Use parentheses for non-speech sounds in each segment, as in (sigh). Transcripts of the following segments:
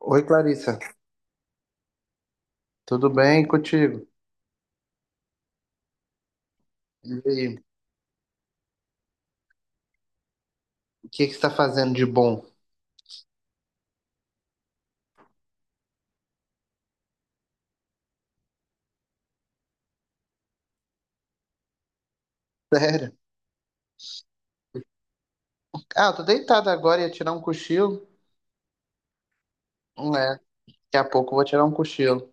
Oi, Clarissa. Tudo bem contigo? E aí, o que que você está fazendo de bom? Sério? Ah, eu tô deitado agora, ia tirar um cochilo. Não é, daqui a pouco eu vou tirar um cochilo.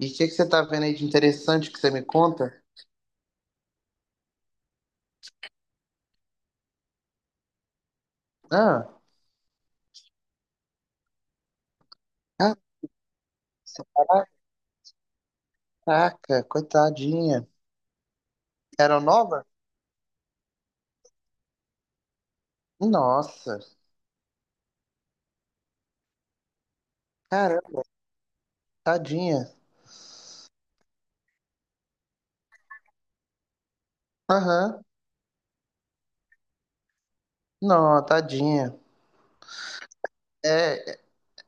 E o que que você tá vendo aí de interessante que você me conta? Ah, ah, caraca, coitadinha. Era nova? Nossa, caramba, tadinha. Aham. Não, tadinha. É,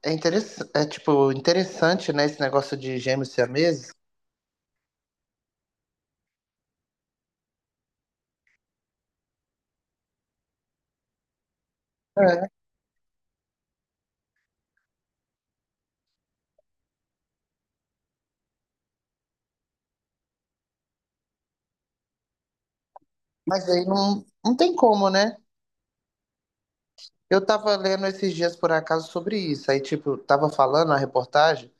é, é tipo, interessante, né, esse negócio de gêmeos siameses. É, mas aí não, tem como, né? Eu tava lendo esses dias por acaso sobre isso. Aí, tipo, tava falando na reportagem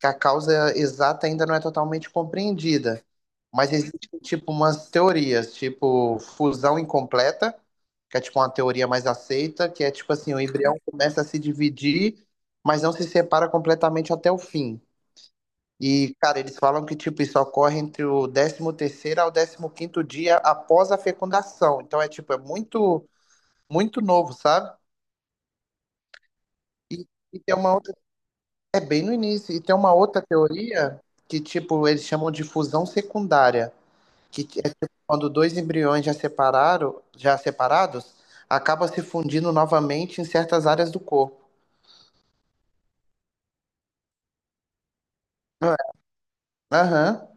que a causa exata ainda não é totalmente compreendida. Mas existem, tipo, umas teorias, tipo, fusão incompleta, que é, tipo, uma teoria mais aceita, que é, tipo, assim, o embrião começa a se dividir, mas não se separa completamente até o fim. E, cara, eles falam que, tipo, isso ocorre entre o décimo terceiro ao décimo quinto dia após a fecundação. Então, é, tipo, é muito, muito novo, sabe? E e tem uma É bem no início. E tem uma outra teoria que, tipo, eles chamam de fusão secundária, que é tipo, quando dois embriões já separados, acabam se fundindo novamente em certas áreas do corpo. Não é? Aham,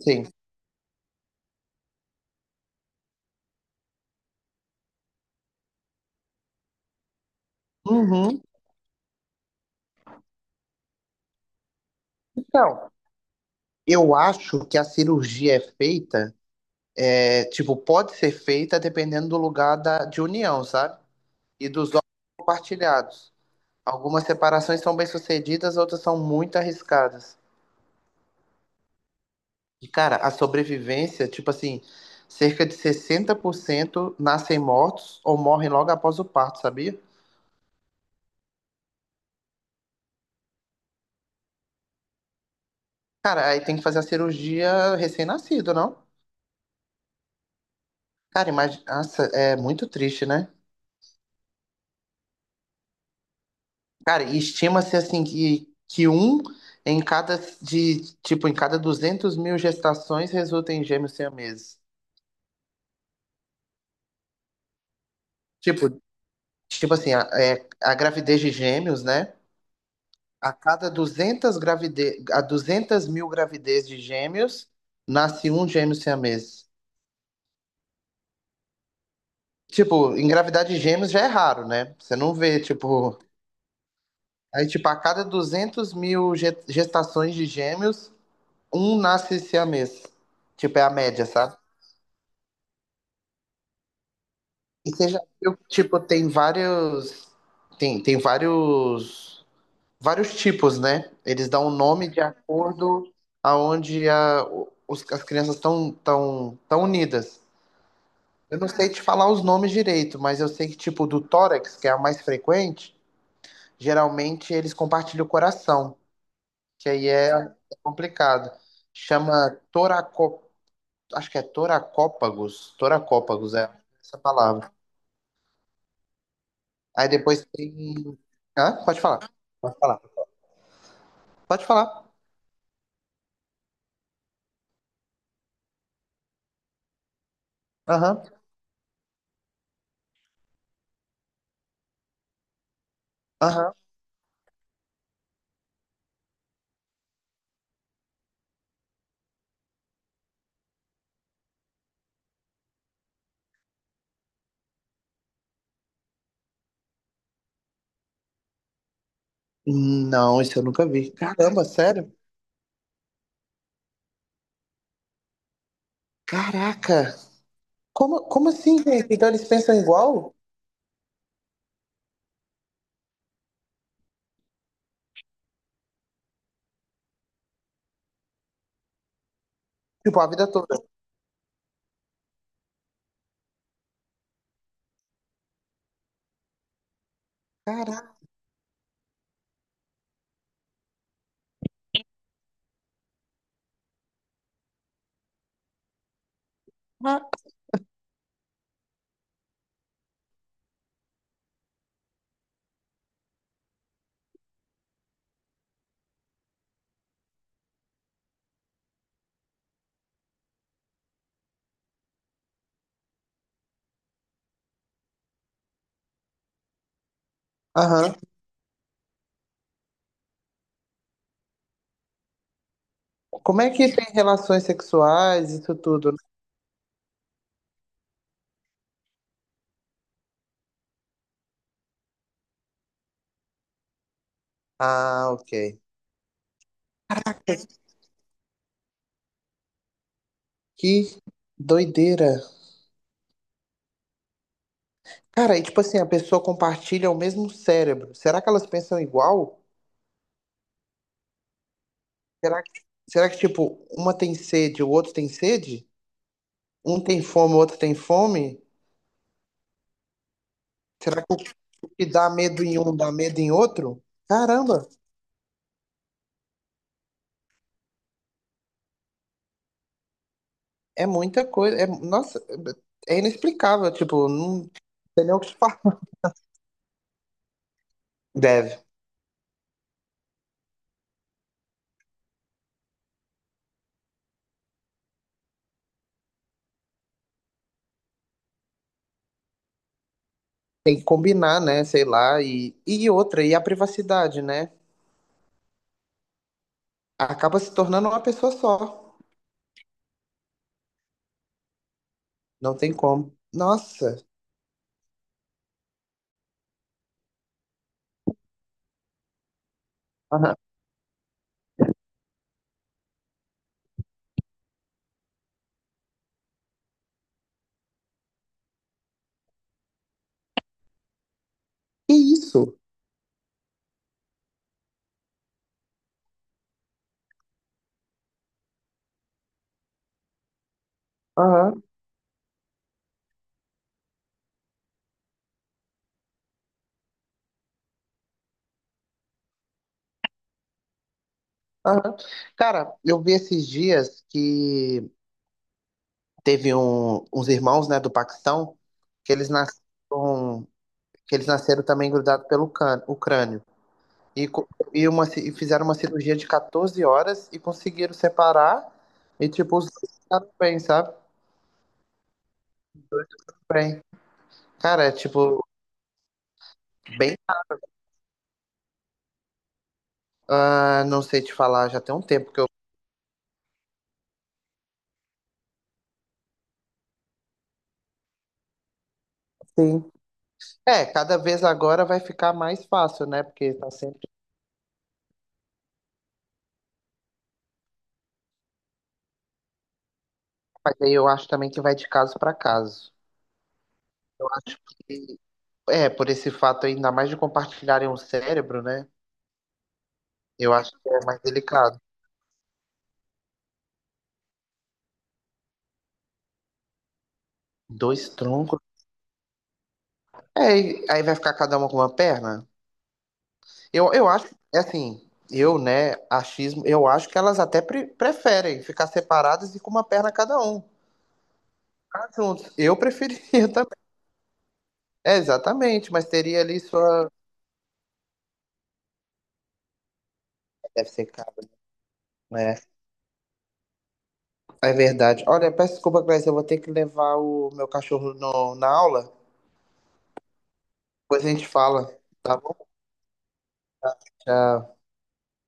sim. Uhum. Então, eu acho que a cirurgia é feita, é, tipo, pode ser feita dependendo do de união, sabe? E dos órgãos compartilhados. Algumas separações são bem-sucedidas, outras são muito arriscadas. E, cara, a sobrevivência, tipo assim, cerca de 60% nascem mortos ou morrem logo após o parto, sabia? Cara, aí tem que fazer a cirurgia recém-nascido, não? Cara, imagina, nossa, é muito triste, né? Cara, e estima-se assim que um em cada de, tipo, em cada 200 mil gestações resulta em gêmeos siameses. Tipo, tipo assim, a, é, a gravidez de gêmeos, né? A cada a 200 mil gravidez de gêmeos, nasce um gêmeo siamês. Tipo, engravidar de gêmeos já é raro, né? Você não vê, tipo. Aí, tipo, a cada 200 mil gestações de gêmeos, um nasce siamês. Tipo, é a média, sabe? E você já viu, tipo, tem vários. Tem, tem vários. Vários tipos, né? Eles dão o nome de acordo aonde as crianças estão tão unidas. Eu não sei te falar os nomes direito, mas eu sei que, tipo, do tórax, que é a mais frequente, geralmente eles compartilham o coração, que é complicado. Chama toracó, acho que é toracópagos, toracópagos é essa palavra. Aí depois tem. Hã? Pode falar, pode falar. Pode falar. Aham, aham. Não, isso eu nunca vi. Caramba, sério? Caraca! Como, como assim, gente? Então eles pensam igual? Tipo, a vida toda. Caraca! Aham. Como é que tem relações sexuais, isso tudo? Né? Ah, ok. Que doideira. Cara, e tipo assim, a pessoa compartilha o mesmo cérebro. Será que elas pensam igual? Será que, será que tipo, uma tem sede, o outro tem sede? Um tem fome, o outro tem fome? Será que o que dá medo em um dá medo em outro? Caramba, é muita coisa. É, nossa, é inexplicável. Tipo, não tem nem o que falar. Deve. Tem que combinar, né? Sei lá. E outra, e a privacidade, né? Acaba se tornando uma pessoa só. Não tem como. Nossa. Aham. Que isso? Aham. Aham. Cara, eu vi esses dias que teve uns irmãos, né, do Paquistão, que eles nasceram, que eles nasceram também grudados pelo o crânio. E, co- e, e fizeram uma cirurgia de 14 horas e conseguiram separar. E, tipo, os dois ficaram bem, sabe? Bem. Cara, é, tipo, bem. Ah, não sei te falar, já tem um tempo que eu. Sim. É, cada vez agora vai ficar mais fácil, né? Porque tá sempre. Mas aí eu acho também que vai de caso para caso. Eu acho que, é, por esse fato ainda mais de compartilharem o cérebro, né? Eu acho que é mais delicado. Dois troncos. É, e aí vai ficar cada uma com uma perna? Eu acho, é assim, eu, né, achismo, eu acho que elas até preferem ficar separadas e com uma perna cada um. Ficar juntos. Eu preferiria (laughs) também. É, exatamente, mas teria ali sua. Deve ser caro, né? É verdade. Olha, peço desculpa, Cláudia, eu vou ter que levar o meu cachorro no, na aula. Depois a gente fala, tá bom? Tchau.